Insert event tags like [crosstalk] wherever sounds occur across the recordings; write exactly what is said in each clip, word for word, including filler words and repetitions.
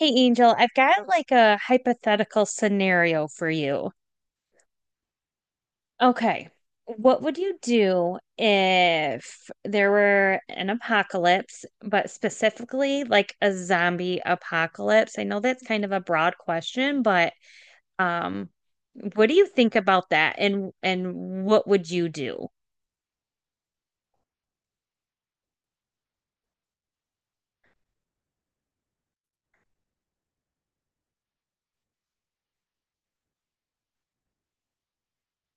Hey, Angel, I've got like a hypothetical scenario for you. Okay. What would you do if there were an apocalypse, but specifically like a zombie apocalypse? I know that's kind of a broad question, but um, what do you think about that and and what would you do?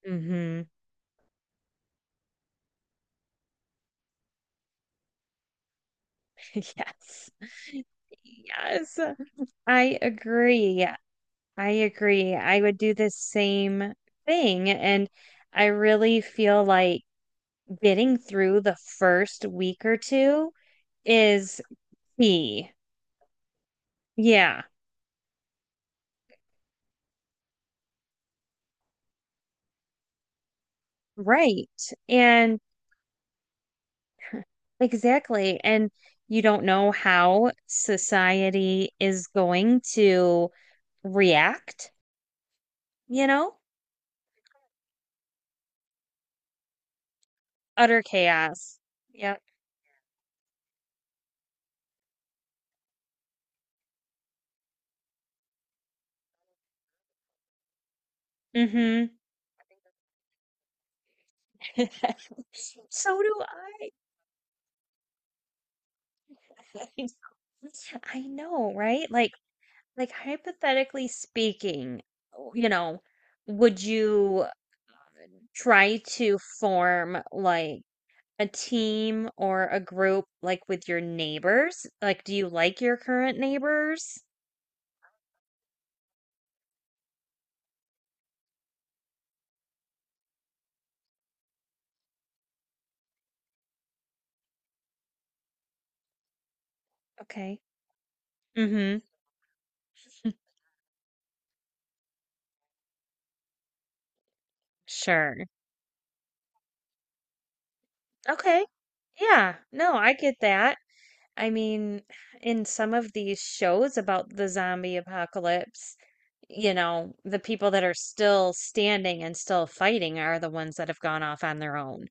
Mm-hmm. [laughs] Yes. Yes, I agree. I agree. I would do the same thing. And I really feel like getting through the first week or two is key. Yeah, right. And [laughs] exactly. And you don't know how society is going to react, you know? Utter chaos. Yep. Mm-hmm. [laughs] So do I. [laughs] I know, right? Like, Like, hypothetically speaking, you know, would you try to form like a team or a group like with your neighbors? Like, do you like your current neighbors? Okay. Mm-hmm. Sure. Okay. Yeah. No, I get that. I mean, in some of these shows about the zombie apocalypse, you know, the people that are still standing and still fighting are the ones that have gone off on their own.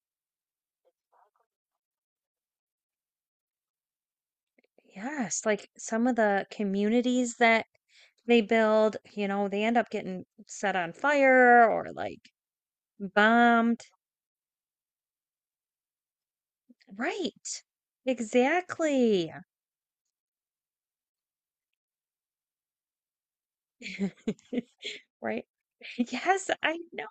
Yes, like some of the communities that they build, you know, they end up getting set on fire or like bombed. Right. Exactly. [laughs] Right. [laughs] Yes, I know.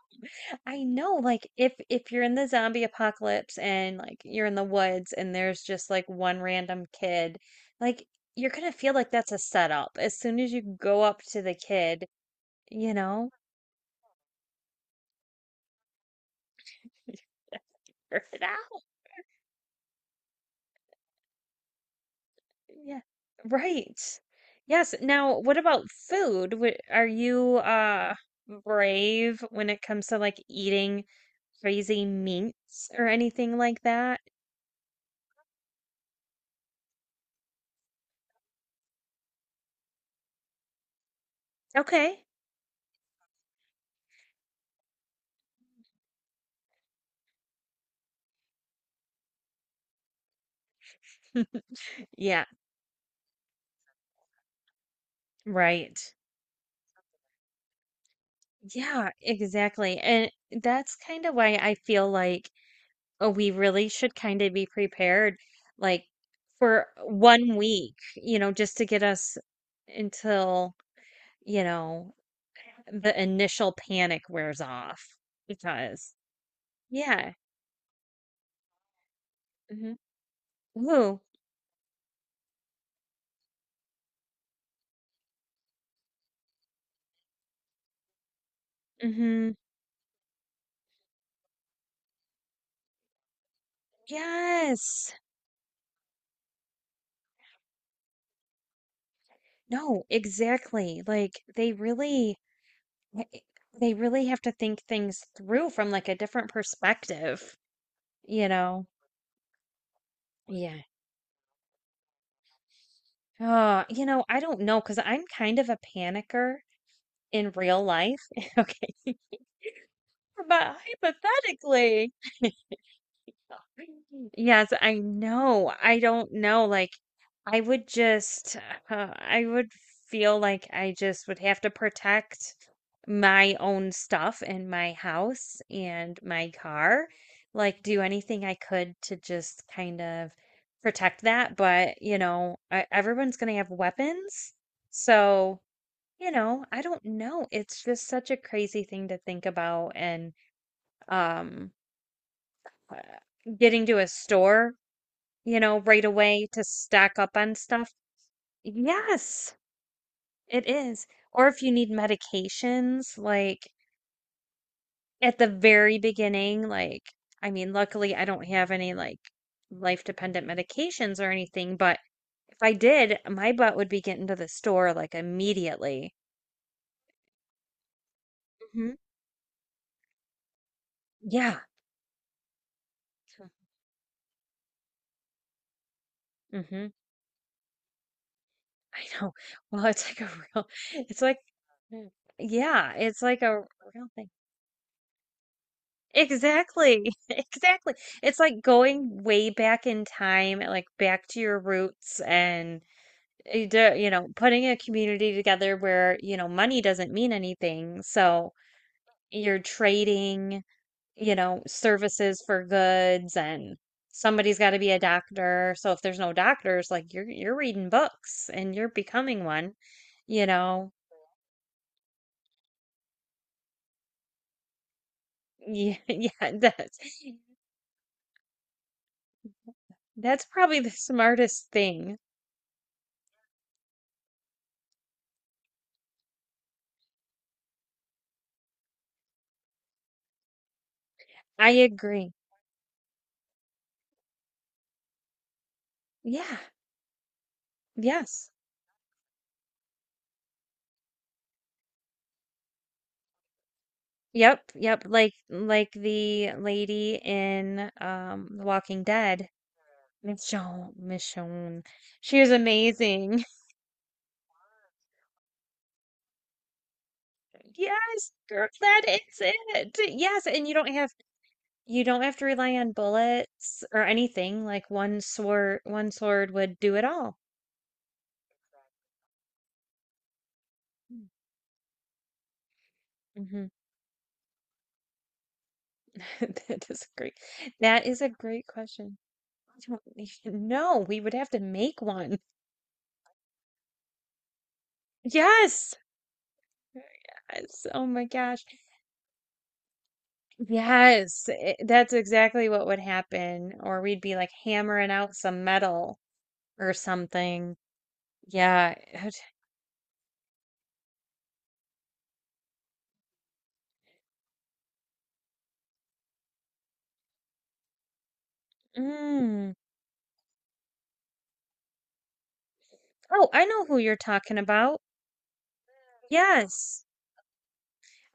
I know. Like if if you're in the zombie apocalypse and like you're in the woods and there's just like one random kid, like you're gonna feel like that's a setup as soon as you go up to the kid, you know? [laughs] Figure it out. Yeah. Right. Yes. Now, what about food? Wh- Are you uh brave when it comes to like eating crazy meats or anything like that? Okay. [laughs] Yeah, right. Yeah, exactly. And that's kind of why I feel like uh, we really should kind of be prepared, like for one week, you know, just to get us until, you know, the initial panic wears off because yeah, hmm, ooh, hmm, yes, no, exactly, like they really eh, eh, they really have to think things through from like a different perspective, you know. Yeah. Oh, you know I don't know, because I'm kind of a panicker in real life. [laughs] Okay, but hypothetically, yes, I know, I don't know, like I would just, uh, I would feel like I just would have to protect my own stuff and my house and my car. Like, do anything I could to just kind of protect that. But, you know, I, everyone's going to have weapons. So, you know, I don't know. It's just such a crazy thing to think about. And um, uh, getting to a store, you know, right away to stock up on stuff. Yes. It is. Or if you need medications, like at the very beginning, like, I mean, luckily I don't have any like life dependent medications or anything, but if I did, my butt would be getting to the store like immediately. Hmm. Yeah. Hmm. I know. Well, it's like a real, [laughs] it's like, Mm, yeah, it's like a real thing. Exactly. [laughs] Exactly. It's like going way back in time, like back to your roots and you do- you know, putting a community together where, you know, money doesn't mean anything. So you're trading, you know, services for goods, and somebody's got to be a doctor. So if there's no doctors, like you're you're reading books and you're becoming one, you know. Yeah, [laughs] yeah, that's that's probably the smartest thing. I agree. Yeah. Yes. Yep, yep, like like the lady in um The Walking Dead, Michonne, Michonne. She is amazing. [laughs] Yes, girl, that is it. Yes, and you don't have you don't have to rely on bullets or anything. Like one sword, one sword would do it all. Mm-hmm. [laughs] That is a great. That is a great question. [laughs] I don't even know. We would have to make one. Yes. Yes. Oh my gosh. Yes. I- that's exactly what would happen. Or we'd be like hammering out some metal. Or something. Yeah. it- Mm. Oh, I know who you're talking about. Yes.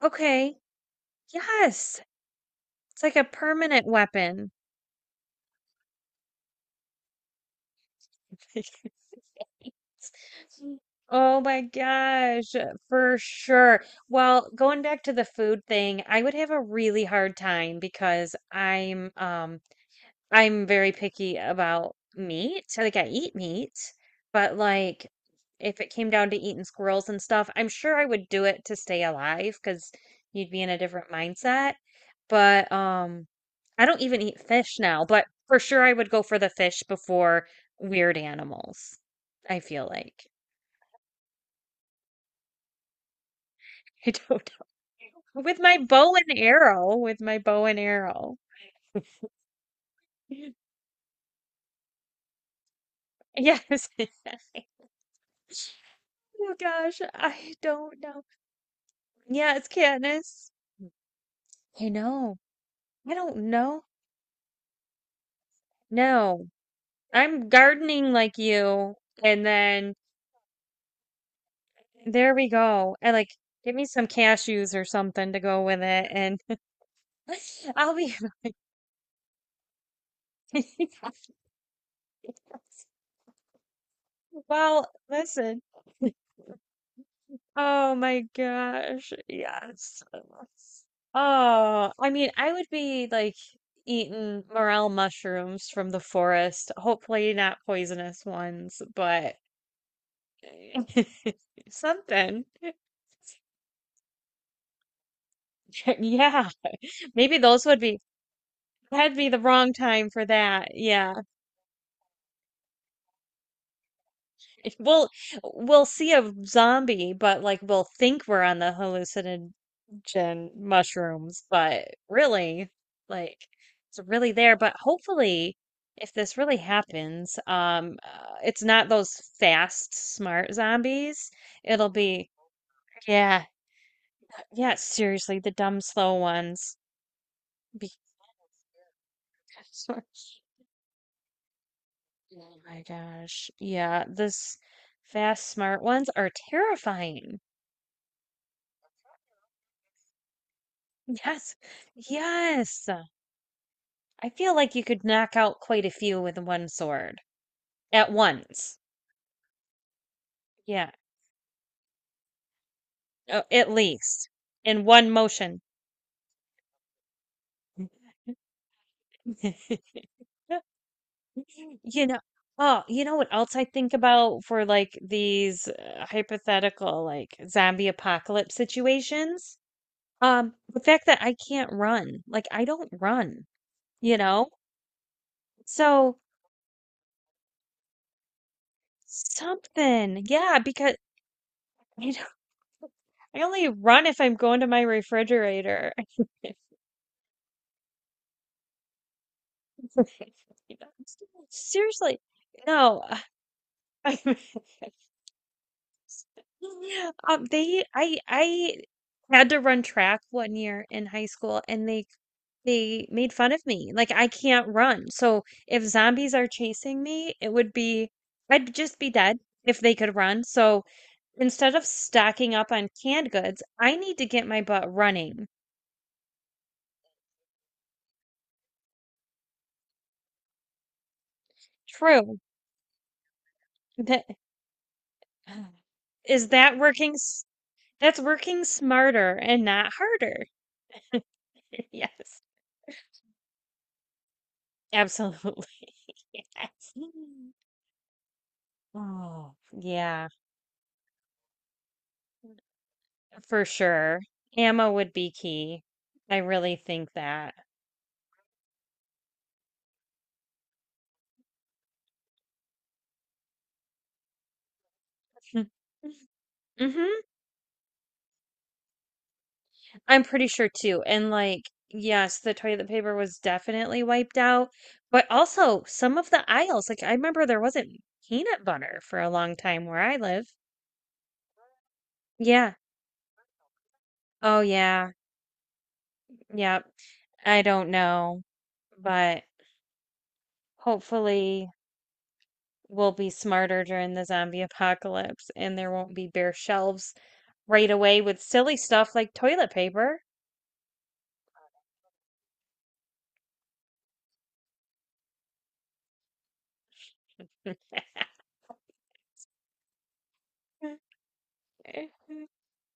Okay. Yes. It's like a permanent weapon. [laughs] Oh my gosh, for sure. Well, going back to the food thing, I would have a really hard time because I'm um I'm very picky about meat. So, like I eat meat, but like if it came down to eating squirrels and stuff, I'm sure I would do it to stay alive because you'd be in a different mindset. But um I don't even eat fish now, but for sure I would go for the fish before weird animals, I feel like. [laughs] I don't know. With my bow and arrow, with my bow and arrow. [laughs] Yes. [laughs] Oh gosh, I don't know. Yeah, it's Candace. I know. I don't know. No, I'm gardening like you. And then there we go. And like, give me some cashews or something to go with it. And [laughs] I'll be. [laughs] Well, listen. Oh my gosh. Yes. Oh, I mean, I would be like eating morel mushrooms from the forest. Hopefully, not poisonous ones, but [laughs] something. [laughs] Yeah, maybe those would be that'd be the wrong time for that. Yeah. If we'll we'll see a zombie, but like we'll think we're on the hallucinogen mushrooms, but really, like it's really there. But hopefully, if this really happens, um, uh, it's not those fast, smart zombies. It'll be, yeah, yeah, seriously, the dumb, slow ones. Be- [laughs] Oh my gosh. Yeah, this fast smart ones are terrifying. Yes. Yes. I feel like you could knock out quite a few with one sword at once. Yeah, uh, at least in one motion. [laughs] You know, oh, you know what else I think about for like these uh, hypothetical like zombie apocalypse situations? Um, the fact that I can't run. Like I don't run, you know? So something. Yeah, because you know, [laughs] I only run if I'm going to my refrigerator. [laughs] You know, Seriously. No. [laughs] I um they I I had to run track one year in high school, and they they made fun of me. Like I can't run. So if zombies are chasing me, it would be I'd just be dead if they could run. So, instead of stocking up on canned goods, I need to get my butt running. True. That, [sighs] is that working s- that's working smarter and not harder. [laughs] Yes. Absolutely. [laughs] Yes. Oh, yeah, for sure. Ammo would be key. I really think that. [laughs] Mm-hmm. I'm pretty sure too. And like, yes, the toilet paper was definitely wiped out, but also some of the aisles, like I remember there wasn't peanut butter for a long time where I live. Yeah. Oh yeah. Yep. I don't know, but hopefully we'll be smarter during the zombie apocalypse and there won't be bare shelves right away with silly stuff like toilet paper. [laughs]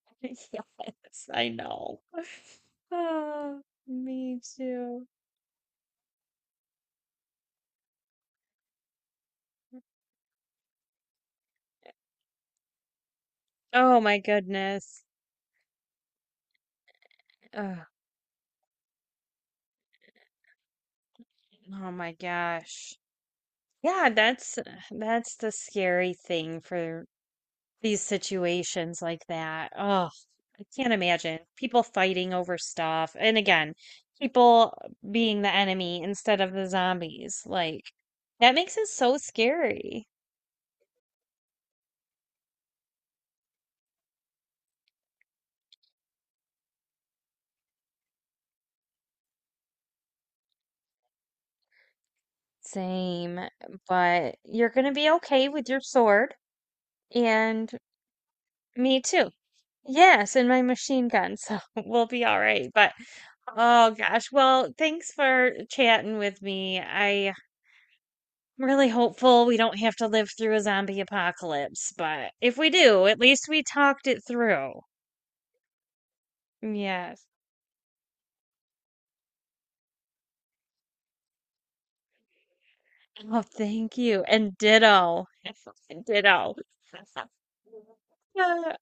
[laughs] Yes, I know. [laughs] Oh, me too. Oh my goodness. Ugh. Oh my gosh. Yeah, that's that's the scary thing for these situations like that. Oh, I can't imagine people fighting over stuff. And again, people being the enemy instead of the zombies. Like that makes it so scary. Same, but you're gonna be okay with your sword. And me too. Yes, and my machine gun, so [laughs] we'll be all right. But oh gosh, well, thanks for chatting with me. I'm really hopeful we don't have to live through a zombie apocalypse, but if we do, at least we talked it through. Yes. Oh, thank you. And ditto. [laughs] Ditto. [laughs] Uh,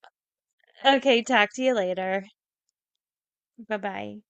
Okay, talk to you later. Bye bye.